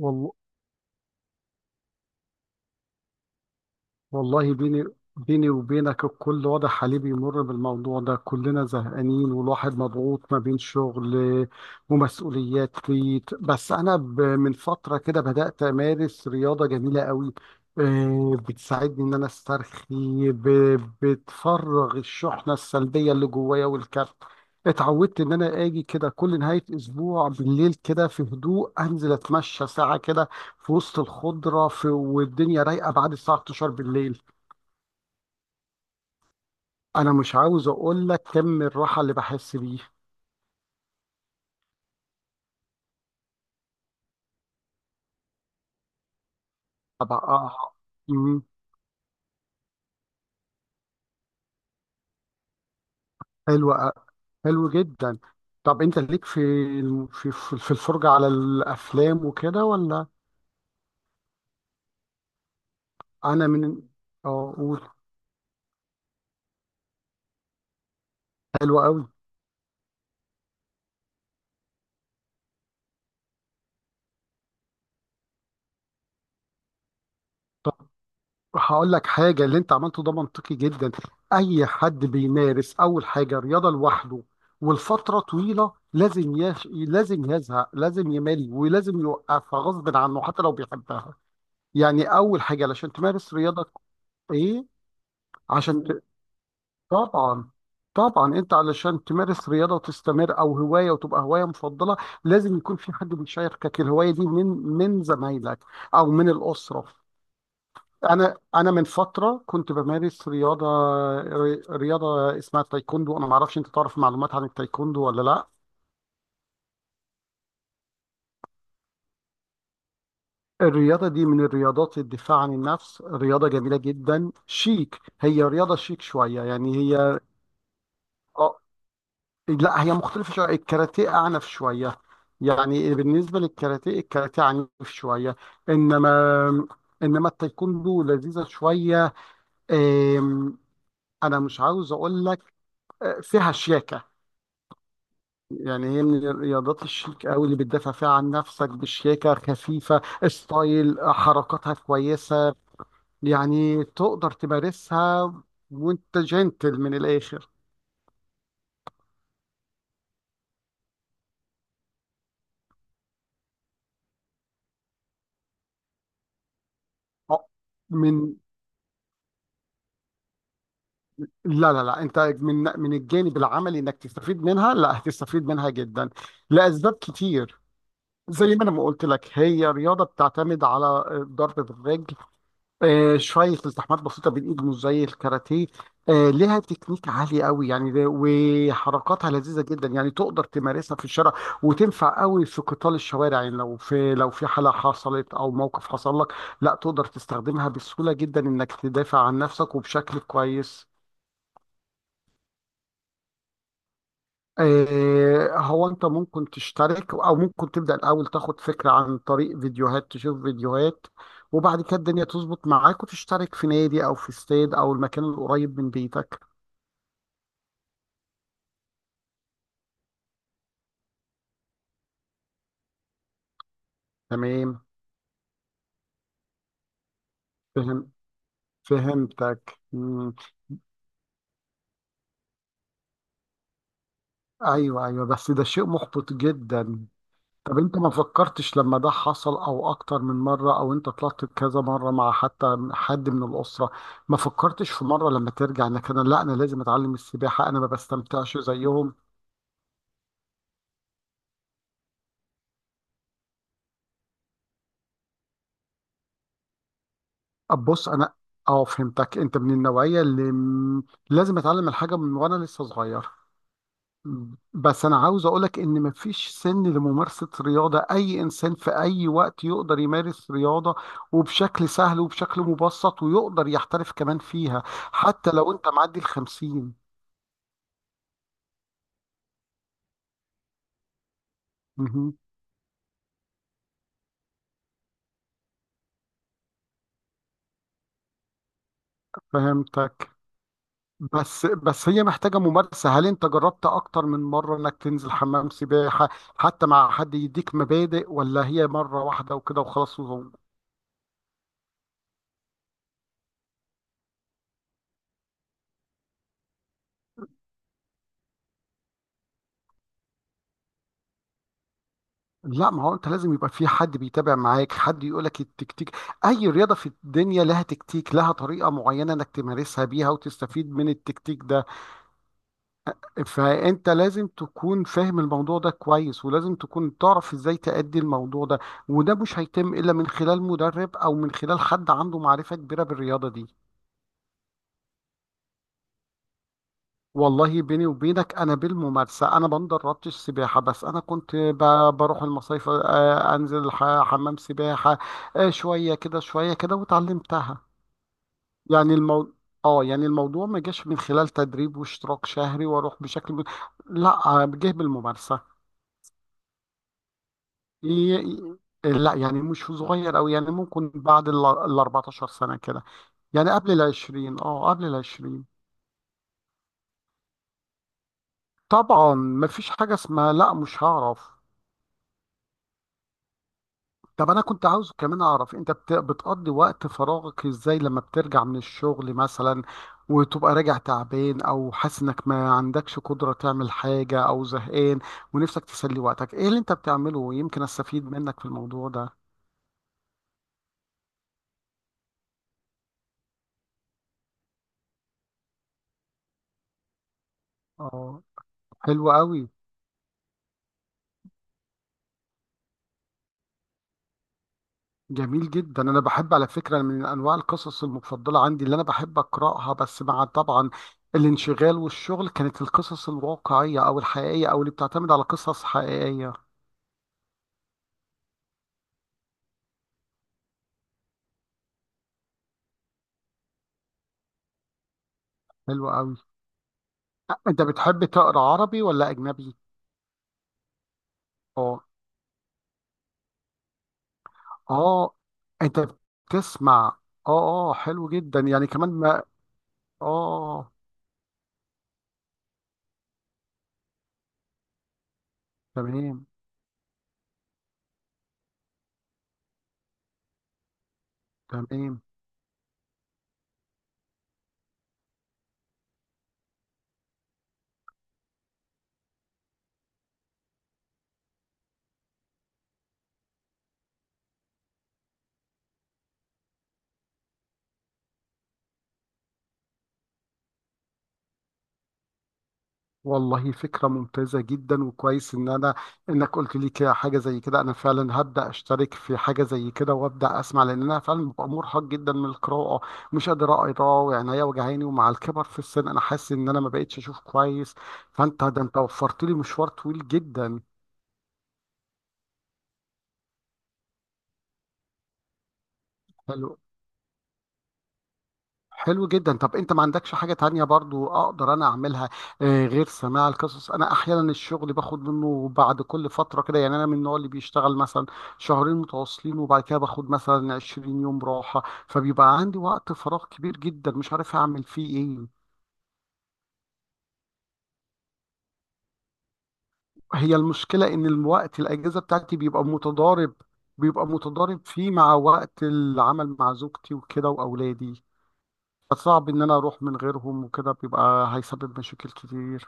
وال- والله بيني وبينك، الكل واضح عليه بيمر بالموضوع ده. كلنا زهقانين والواحد مضغوط ما بين شغل ومسؤوليات بيت. بس أنا من فترة كده بدأت أمارس رياضة جميلة قوي. بتساعدني إن أنا أسترخي، بتفرغ الشحنة السلبية اللي جوايا والكبت. اتعودت إن أنا آجي كده كل نهاية أسبوع بالليل، كده في هدوء، أنزل أتمشى ساعة كده في وسط الخضرة، في والدنيا رايقة بعد الساعة 12 بالليل. أنا مش عاوز أقول لك كم الراحة اللي بحس بيه. أبقى آه. مم. حلو حلو جدا. طب أنت ليك في في الفرجة على الأفلام وكده ولا؟ أنا من أه قول. حلو أوي. هقول لك حاجة، اللي انت عملته ده منطقي جدا. اي حد بيمارس اول حاجة رياضة لوحده والفترة طويلة لازم لازم يزهق، لازم يمل، ولازم يوقفها غصب عنه حتى لو بيحبها. يعني اول حاجة علشان تمارس رياضة، ايه، عشان طبعا. طبعا انت علشان تمارس رياضة وتستمر او هواية وتبقى هواية مفضلة، لازم يكون في حد بيشاركك الهواية دي، من زمايلك او من الأسرة. انا من فتره كنت بمارس رياضه، رياضه اسمها التايكوندو. انا ما اعرفش، انت تعرف معلومات عن التايكوندو ولا لا؟ الرياضه دي من الرياضات الدفاع عن النفس، رياضه جميله جدا، شيك. هي رياضه شيك شويه يعني. هي اه، لا هي مختلفه شويه، الكاراتيه اعنف شويه. يعني بالنسبه للكاراتيه، الكاراتيه عنيف شويه. انما انما التايكوندو لذيذه شويه. آم، انا مش عاوز اقول لك. فيها شياكه. يعني هي من الرياضات الشيك قوي اللي بتدافع فيها عن نفسك بشياكة خفيفة، ستايل حركاتها كويسة. يعني تقدر تمارسها وانت جنتل من الآخر. أه، من لا لا لا، انت من الجانب العملي، انك تستفيد منها، لا هتستفيد منها جدا لأسباب كتير. زي ما انا ما قلت لك، هي رياضة بتعتمد على الضرب بالرجل. شوية التحامات بسيطة بالإيد، مش زي الكاراتيه. لها تكنيك عالي قوي يعني وحركاتها لذيذة جدا. يعني تقدر تمارسها في الشارع وتنفع قوي في قتال الشوارع. يعني لو في حالة حصلت أو موقف حصل لك، لا، تقدر تستخدمها بسهولة جدا، إنك تدافع عن نفسك وبشكل كويس. هو انت ممكن تشترك او ممكن تبدا الاول تاخد فكره عن طريق فيديوهات، تشوف فيديوهات. وبعد كده الدنيا تظبط معاك وتشترك في نادي او في استاد او المكان القريب من بيتك. تمام. فهم فهمتك. مم. ايوه، ايوه، بس ده شيء محبط جدا. طب انت ما فكرتش لما ده حصل او اكتر من مره، او انت طلعت كذا مره مع حتى حد من الاسره؟ ما فكرتش في مره لما ترجع انك، انا، لا، انا لازم اتعلم السباحه، انا ما بستمتعش زيهم؟ بص انا، اه، فهمتك، انت من النوعيه اللي لازم اتعلم الحاجه من وانا لسه صغير. بس انا عاوز اقولك ان مفيش سن لممارسه رياضه، اي انسان في اي وقت يقدر يمارس رياضه وبشكل سهل وبشكل مبسط، ويقدر يحترف كمان فيها، حتى لو انت معدي الخمسين. مهم. فهمتك. بس هي محتاجه ممارسه، هل انت جربت اكتر من مره انك تنزل حمام سباحه، حتى مع حد يديك مبادئ، ولا هي مره واحده وكده وخلاص؟ لا، ما هو انت لازم يبقى في حد بيتابع معاك، حد يقولك التكتيك. اي رياضة في الدنيا لها تكتيك، لها طريقة معينة انك تمارسها بيها وتستفيد من التكتيك ده. فانت لازم تكون فاهم الموضوع ده كويس، ولازم تكون تعرف ازاي تأدي الموضوع ده، وده مش هيتم الا من خلال مدرب او من خلال حد عنده معرفة كبيرة بالرياضة دي. والله بيني وبينك، انا بالممارسه، انا ما دربتش سباحه، بس انا كنت بروح المصايف. انزل حمام سباحه. شويه كده شويه كده وتعلمتها. يعني اه يعني الموضوع ما جاش من خلال تدريب واشتراك شهري واروح بشكل لا، جه بالممارسه. ي- لا يعني مش صغير قوي، يعني ممكن بعد ال 14 سنه كده. يعني قبل ال 20، قبل ال 20. طبعا ما فيش حاجه اسمها لا مش هعرف. طب انا كنت عاوز كمان اعرف، انت بتقضي وقت فراغك ازاي لما بترجع من الشغل مثلا، وتبقى راجع تعبان او حاسس انك ما عندكش قدرة تعمل حاجة، او زهقان، ونفسك تسلي وقتك، ايه اللي انت بتعمله، يمكن استفيد منك في الموضوع ده؟ اه. حلو قوي. جميل جدا، انا بحب على فكرة، من انواع القصص المفضلة عندي اللي انا بحب اقراها، بس مع طبعا الانشغال والشغل، كانت القصص الواقعية او الحقيقية، او اللي بتعتمد على قصص حقيقية. حلو قوي. انت بتحب تقرا عربي ولا اجنبي؟ اه، اه، انت بتسمع. اه، اه، حلو جدا يعني كمان ما آه. تمام، تمام. والله فكرة ممتازة جدا، وكويس ان انا انك قلت لي كده حاجة زي كده، انا فعلا هبدأ اشترك في حاجة زي كده وابدأ اسمع، لان انا فعلا ببقى مرهق جدا من القراءة. مش قادر اقرا، وعينيا وجعاني، ومع الكبر في السن انا حاسس ان انا ما بقتش اشوف كويس. فانت ده انت وفرت لي مشوار طويل جدا. حلو. حلو جدا. طب انت ما عندكش حاجة تانية برضو اقدر انا اعملها غير سماع القصص؟ انا احيانا الشغل باخد منه بعد كل فترة كده، يعني انا من النوع اللي بيشتغل مثلا شهرين متواصلين وبعد كده باخد مثلا 20 يوم راحة، فبيبقى عندي وقت فراغ كبير جدا مش عارف اعمل فيه ايه. هي المشكلة ان الوقت، الاجازة بتاعتي بيبقى متضارب فيه مع وقت العمل، مع زوجتي وكده واولادي، فصعب ان انا اروح من غيرهم، وكده بيبقى هيسبب مشاكل كتير.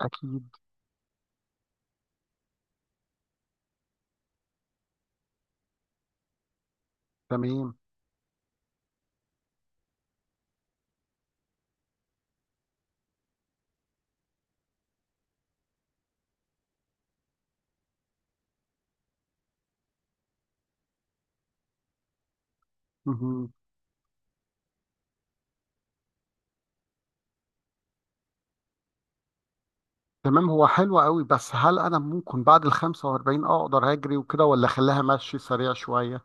اكيد. تمام. مهم. تمام، هو حلو قوي، بس هل انا ممكن بعد ال 45 اقدر اجري وكده، ولا اخليها مشي سريع شويه؟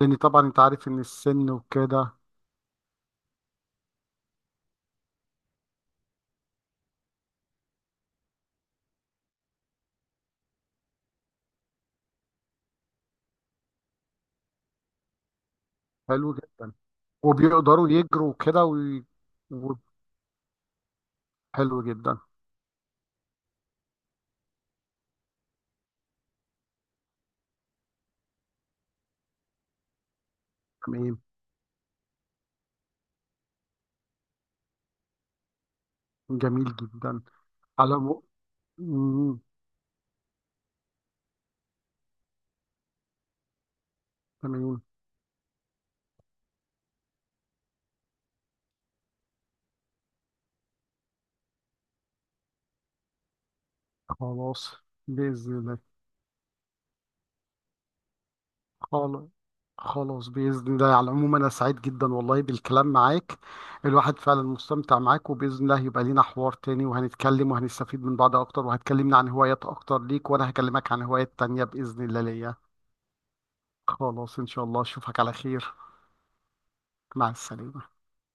لان طبعا انت عارف ان السن وكده. حلو جدا. وبيقدروا يجروا كده و... حلو جدا. تمام. جميل جدا. على م... مم. تمام. خلاص، باذن الله. خلاص. خلاص بإذن الله، على العموم أنا سعيد جدا والله بالكلام معاك. الواحد فعلا مستمتع معاك، وبإذن الله هيبقى لينا حوار تاني وهنتكلم وهنستفيد من بعض أكتر، وهتكلمنا عن هوايات أكتر ليك، وأنا هكلمك عن هوايات تانية بإذن الله ليا. خلاص إن شاء الله أشوفك على خير. مع السلامة.